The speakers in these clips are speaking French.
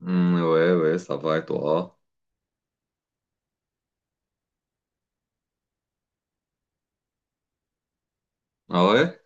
Hmm, ouais, ouais, ça va et toi? Ah ouais?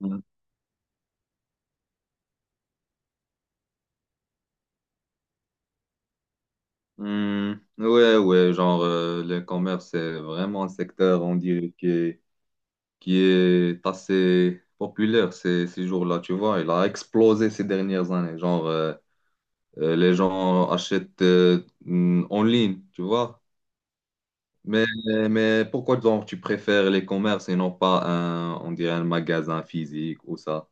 Hmm. Hmm, ouais, ouais, genre le commerce, c'est vraiment un secteur, on dirait, qui est assez populaire ces jours-là, tu vois. Il a explosé ces dernières années. Les gens achètent hmm, en ligne, tu vois. Mais, mais pourquoi donc tu préfères les commerces et non pas un, on dirait, un magasin physique ou ça?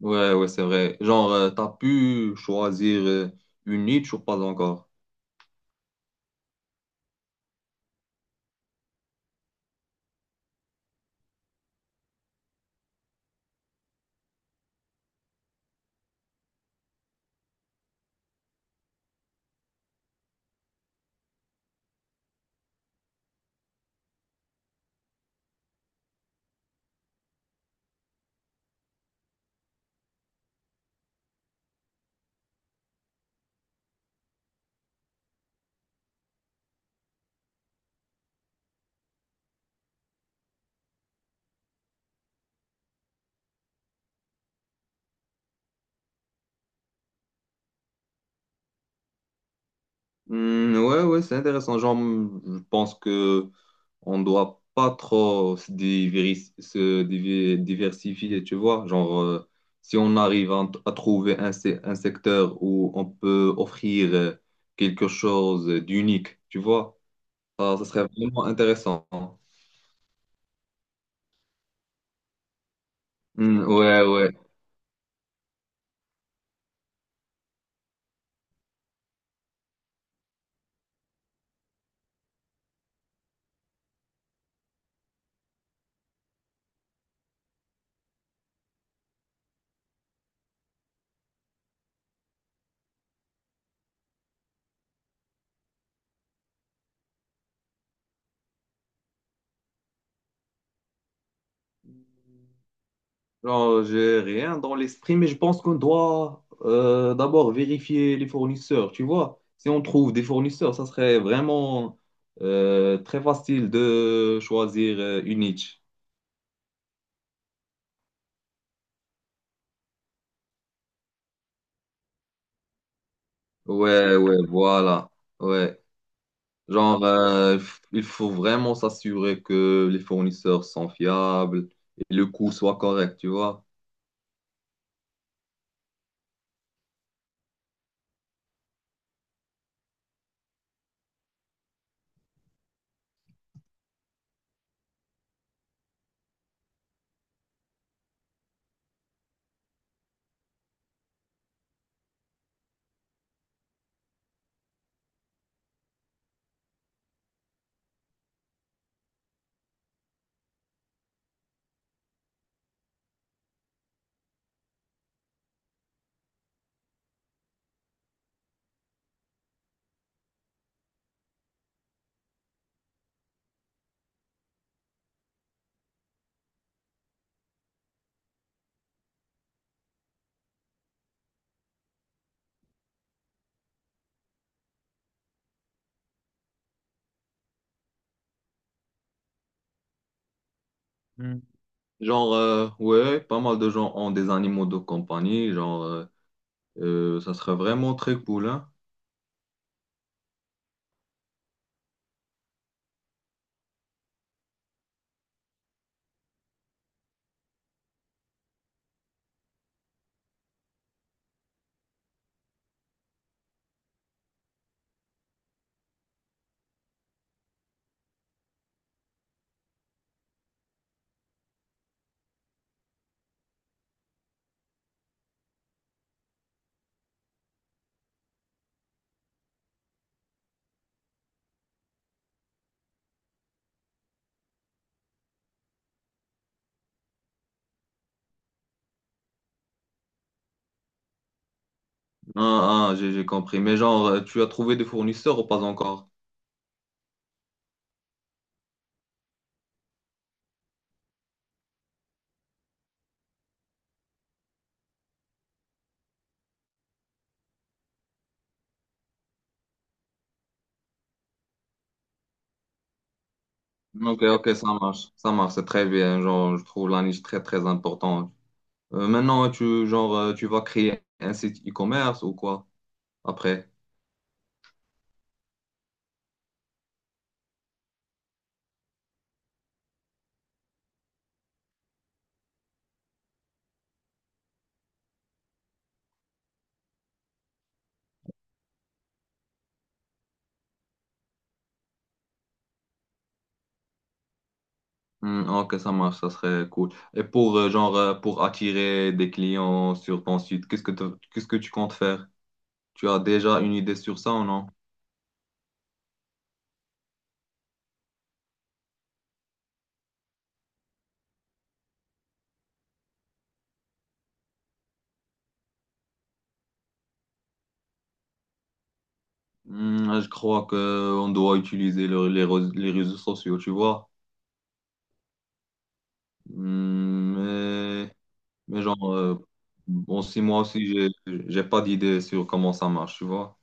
Ouais, ouais, c'est vrai. Genre, t'as pu choisir une niche ou pas encore? Hmm, ouais, ouais, c'est intéressant. Genre, hmm, je pense que on doit pas trop se, diversifier, tu vois. Genre, si on arrive à trouver un, un secteur où on peut offrir quelque chose d'unique, tu vois, ça serait vraiment intéressant. Hmm, ouais, ouais. Non, j'ai rien dans l'esprit, mais je pense qu'on doit d'abord vérifier les fournisseurs, tu vois. Si on trouve des fournisseurs, ça serait vraiment très facile de choisir une niche. Ouais, ouais, voilà. Ouais. Genre, il faut vraiment s'assurer que les fournisseurs sont fiables et le coût soit correct, tu vois. Hmm. Genre, ouais, pas mal de gens ont des animaux de compagnie. Genre, ça serait vraiment très cool, hein. Ah, ah, j'ai compris. Mais genre, tu as trouvé des fournisseurs ou pas encore? Ok, ok, ça marche. Ça marche, c'est très bien. Genre, je trouve la niche très, très importante. Maintenant, tu, genre, tu vas créer un site e-commerce ou quoi après? Hmm, ok, ça marche, ça serait cool. Et pour, genre, pour attirer des clients sur ton site, qu'est-ce que, qu'est-ce que tu comptes faire? Tu as déjà une idée sur ça ou non? Hmm, je crois que on doit utiliser les, les réseaux sociaux, tu vois. Hmm, mais genre, bon, si moi aussi, j'ai pas d'idée sur comment ça marche, tu vois.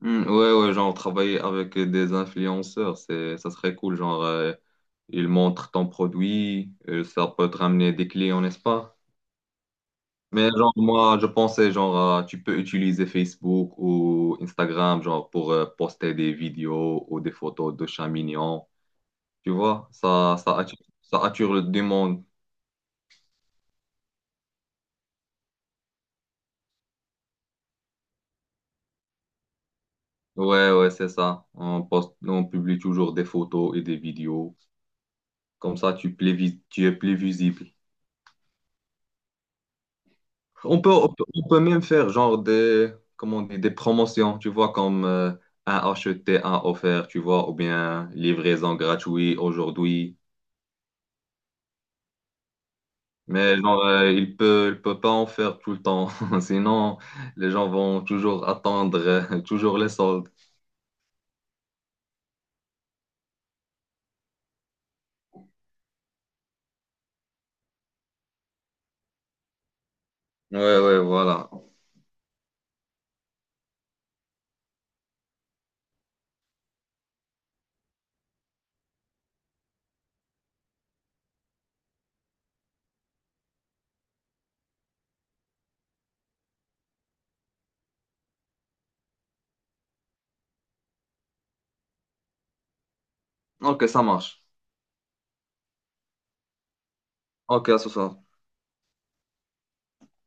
Hmm, ouais, ouais, genre, travailler avec des influenceurs, c'est, ça serait cool. Genre, ils montrent ton produit, ça peut te ramener des clients, n'est-ce pas? Mais genre, moi, je pensais, genre, tu peux utiliser Facebook ou Instagram, genre, pour poster des vidéos ou des photos de chats mignons. Tu vois, ça attire, ça attire le demande. Ouais, ouais, c'est ça. On poste, on publie toujours des photos et des vidéos. Comme ça, tu, tu es plus visible. On peut, on peut même faire genre des, comment on dit, des promotions, tu vois, comme un acheté, un offert, tu vois, ou bien livraison gratuite aujourd'hui. Mais genre, il peut pas en faire tout le temps. Sinon, les gens vont toujours attendre, toujours les soldes. Ouais, ouais, voilà. Ok, ça marche. Ok, à ce soir.